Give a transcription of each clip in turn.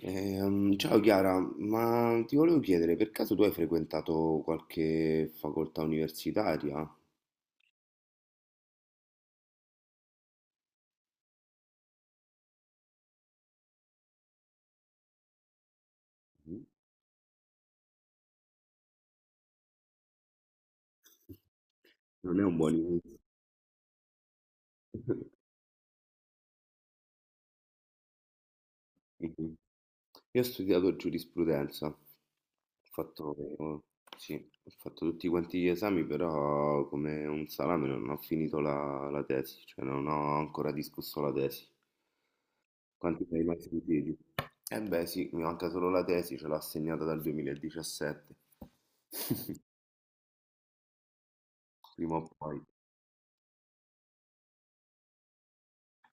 Ciao Chiara, ma ti volevo chiedere, per caso tu hai frequentato qualche facoltà universitaria? Non è un buon inizio. Io ho studiato giurisprudenza, ho fatto, sì, ho fatto tutti quanti gli esami, però come un salame non ho finito la tesi, cioè non ho ancora discusso la tesi. Quanti ne hai mai sentiti? Eh beh sì, mi manca solo la tesi, ce l'ho assegnata dal 2017, prima o poi.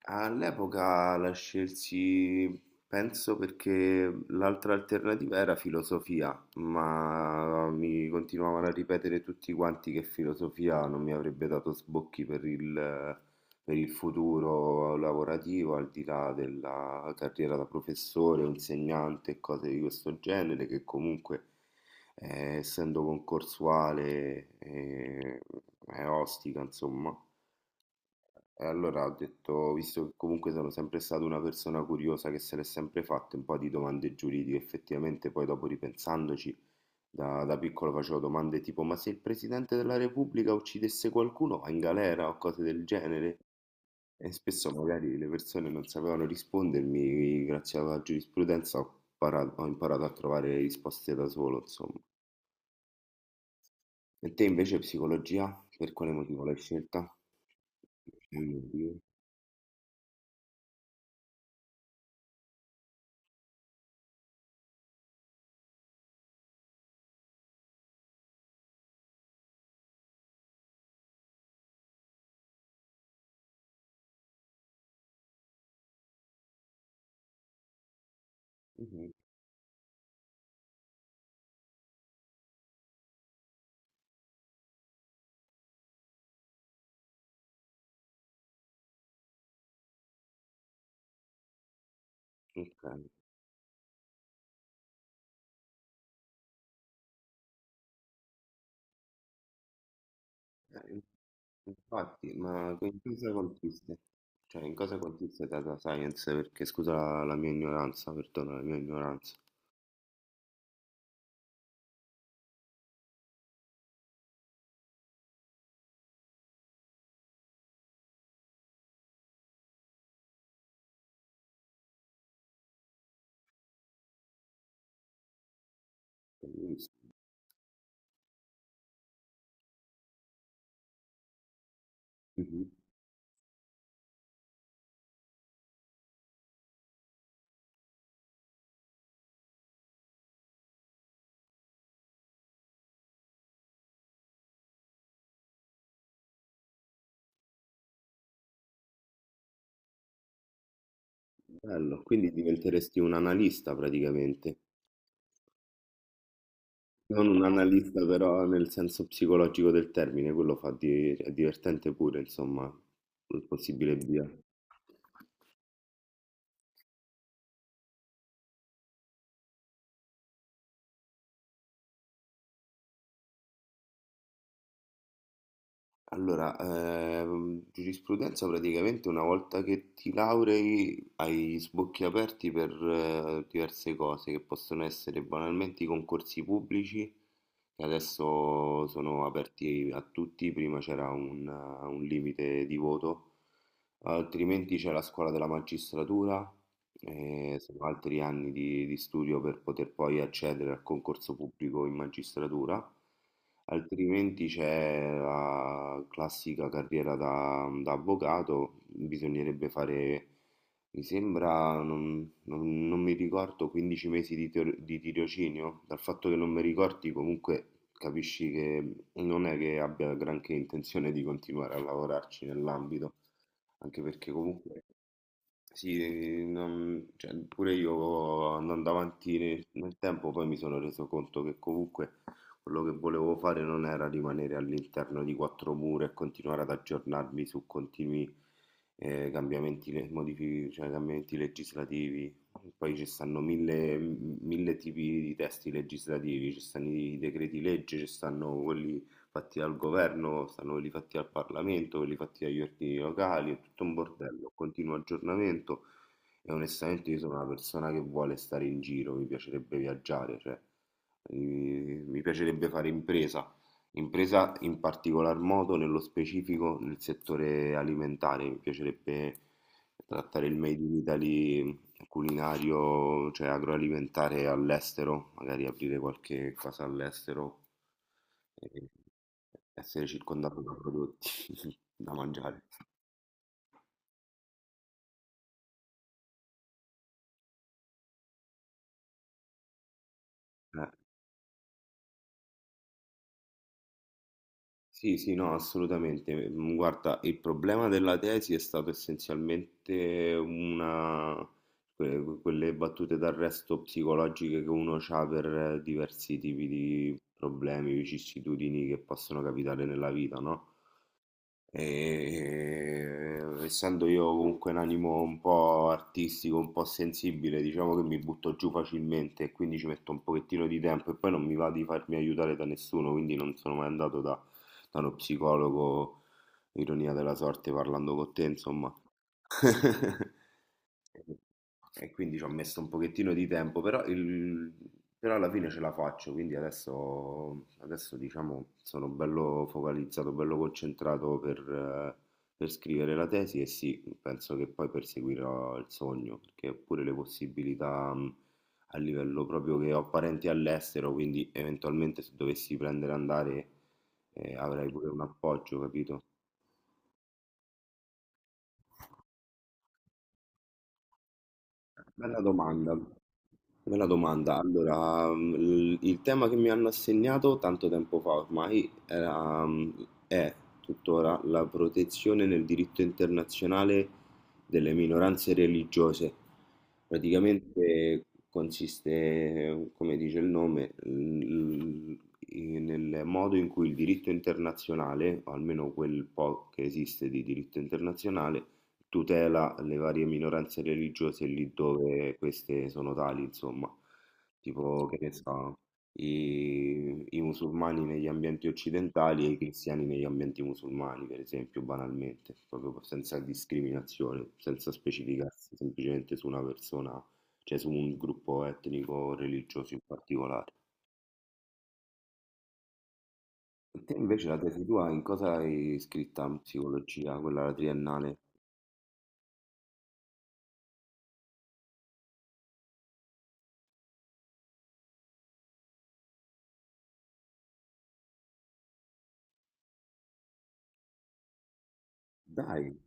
All'epoca la scelsi, penso perché l'altra alternativa era filosofia, ma mi continuavano a ripetere tutti quanti che filosofia non mi avrebbe dato sbocchi per per il futuro lavorativo, al di là della carriera da professore o insegnante e cose di questo genere, che comunque essendo concorsuale è ostica, insomma. E allora ho detto, visto che comunque sono sempre stata una persona curiosa che se l'è sempre fatta un po' di domande giuridiche, effettivamente poi dopo ripensandoci, da piccolo facevo domande tipo, ma se il Presidente della Repubblica uccidesse qualcuno va in galera o cose del genere? E spesso magari le persone non sapevano rispondermi, grazie alla giurisprudenza ho imparato a trovare risposte da solo, insomma. E te invece psicologia, per quale motivo l'hai scelta? Per quale motivo? Mhm, ok. Eh, infatti, ma in cosa consiste? Cioè, in cosa consiste data science? Perché scusa la mia ignoranza, perdona la mia ignoranza. Mhm. Bello, quindi diventeresti un analista praticamente. Non un analista però nel senso psicologico del termine, quello fa è divertente pure, insomma, il possibile via. Allora, giurisprudenza praticamente una volta che ti laurei hai sbocchi aperti per diverse cose che possono essere banalmente i concorsi pubblici, che adesso sono aperti a tutti, prima c'era un limite di voto, altrimenti c'è la scuola della magistratura. Sono altri anni di studio per poter poi accedere al concorso pubblico in magistratura, altrimenti c'è la classica carriera da avvocato, bisognerebbe fare, mi sembra, non mi ricordo, 15 mesi di di tirocinio. Dal fatto che non mi ricordi comunque capisci che non è che abbia granché intenzione di continuare a lavorarci nell'ambito, anche perché comunque sì, cioè, pure io andando avanti nel tempo poi mi sono reso conto che comunque quello che volevo fare non era rimanere all'interno di quattro mura e continuare ad aggiornarmi su continui cambiamenti, cioè, cambiamenti legislativi. Poi ci stanno mille tipi di testi legislativi, ci stanno i decreti legge, ci stanno quelli fatti dal governo, stanno quelli fatti al Parlamento, quelli fatti dagli ordini locali, è tutto un bordello, continuo aggiornamento e onestamente io sono una persona che vuole stare in giro, mi piacerebbe viaggiare, cioè mi piacerebbe fare impresa, impresa in particolar modo nello specifico nel settore alimentare, mi piacerebbe trattare il Made in Italy culinario, cioè agroalimentare all'estero, magari aprire qualche casa all'estero e essere circondato da prodotti da mangiare. Eh, sì, no, assolutamente. Mm, guarda, il problema della tesi è stato essenzialmente una... quelle battute d'arresto psicologiche che uno ha per diversi tipi di problemi, vicissitudini che possono capitare nella vita, no? E, essendo io comunque un animo un po' artistico, un po' sensibile, diciamo che mi butto giù facilmente e quindi ci metto un pochettino di tempo e poi non mi va di farmi aiutare da nessuno, quindi non sono mai andato da uno psicologo, ironia della sorte, parlando con te, insomma. E quindi ci ho messo un pochettino di tempo, però, però alla fine ce la faccio, quindi adesso, diciamo sono bello focalizzato, bello concentrato eh, per scrivere la tesi e sì, penso che poi perseguirò il sogno, perché pure le possibilità a livello proprio che ho parenti all'estero, quindi eventualmente se dovessi prendere e andare avrai pure un appoggio, capito? Bella domanda, bella domanda. Allora, mm, il tema che mi hanno assegnato tanto tempo fa ormai era, mm, è tuttora la protezione nel diritto internazionale delle minoranze religiose. Praticamente consiste, come dice il nome, nel modo in cui il diritto internazionale, o almeno quel po' che esiste di diritto internazionale, tutela le varie minoranze religiose lì dove queste sono tali, insomma, tipo che ne so, i musulmani negli ambienti occidentali e i cristiani negli ambienti musulmani, per esempio, banalmente, proprio senza discriminazione, senza specificarsi semplicemente su una persona, cioè su un gruppo etnico o religioso in particolare. Te invece la tesi tua in cosa hai scritta in psicologia, quella triennale? Dai!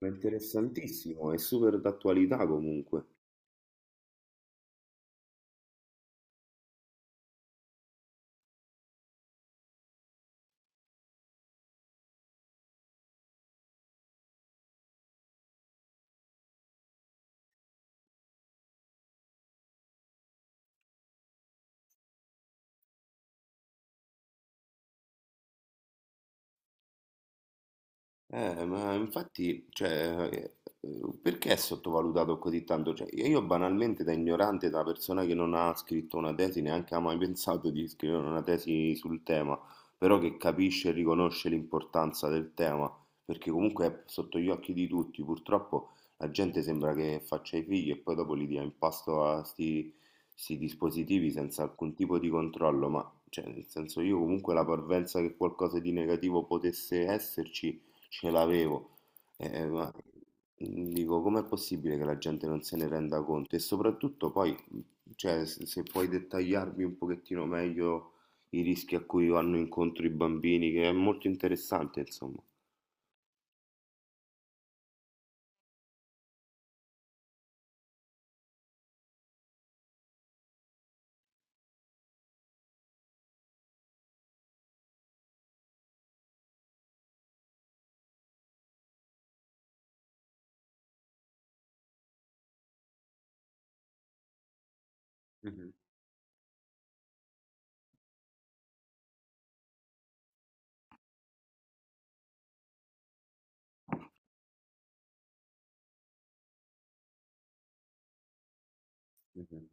Ma è interessantissimo, è super d'attualità comunque. Ma infatti, cioè, perché è sottovalutato così tanto? Cioè, io banalmente da ignorante, da persona che non ha scritto una tesi, neanche ha mai pensato di scrivere una tesi sul tema, però che capisce e riconosce l'importanza del tema, perché comunque è sotto gli occhi di tutti. Purtroppo la gente sembra che faccia i figli e poi dopo li dia in pasto a sti dispositivi senza alcun tipo di controllo, ma cioè, nel senso io comunque la parvenza che qualcosa di negativo potesse esserci ce l'avevo. Ma dico, com'è possibile che la gente non se ne renda conto? E soprattutto poi, cioè, se puoi dettagliarmi un pochettino meglio i rischi a cui vanno incontro i bambini, che è molto interessante, insomma. Mhm, mhm.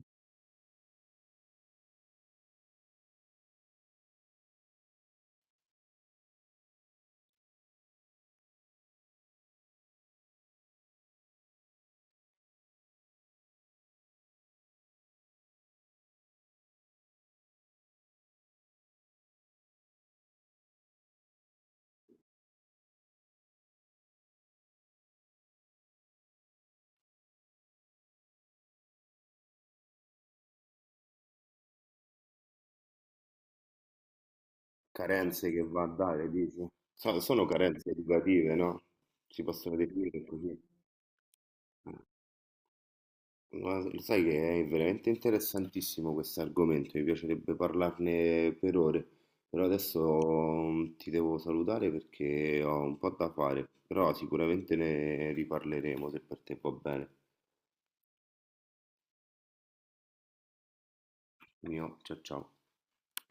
Carenze che va a dare, dici? Sono carenze educative, no? Si possono definire così. Eh. Guarda, lo sai che è veramente interessantissimo questo argomento, mi piacerebbe parlarne per ore, però adesso mm, ti devo salutare perché ho un po' da fare, però sicuramente ne riparleremo se per te va bene. Mio, ciao ciao.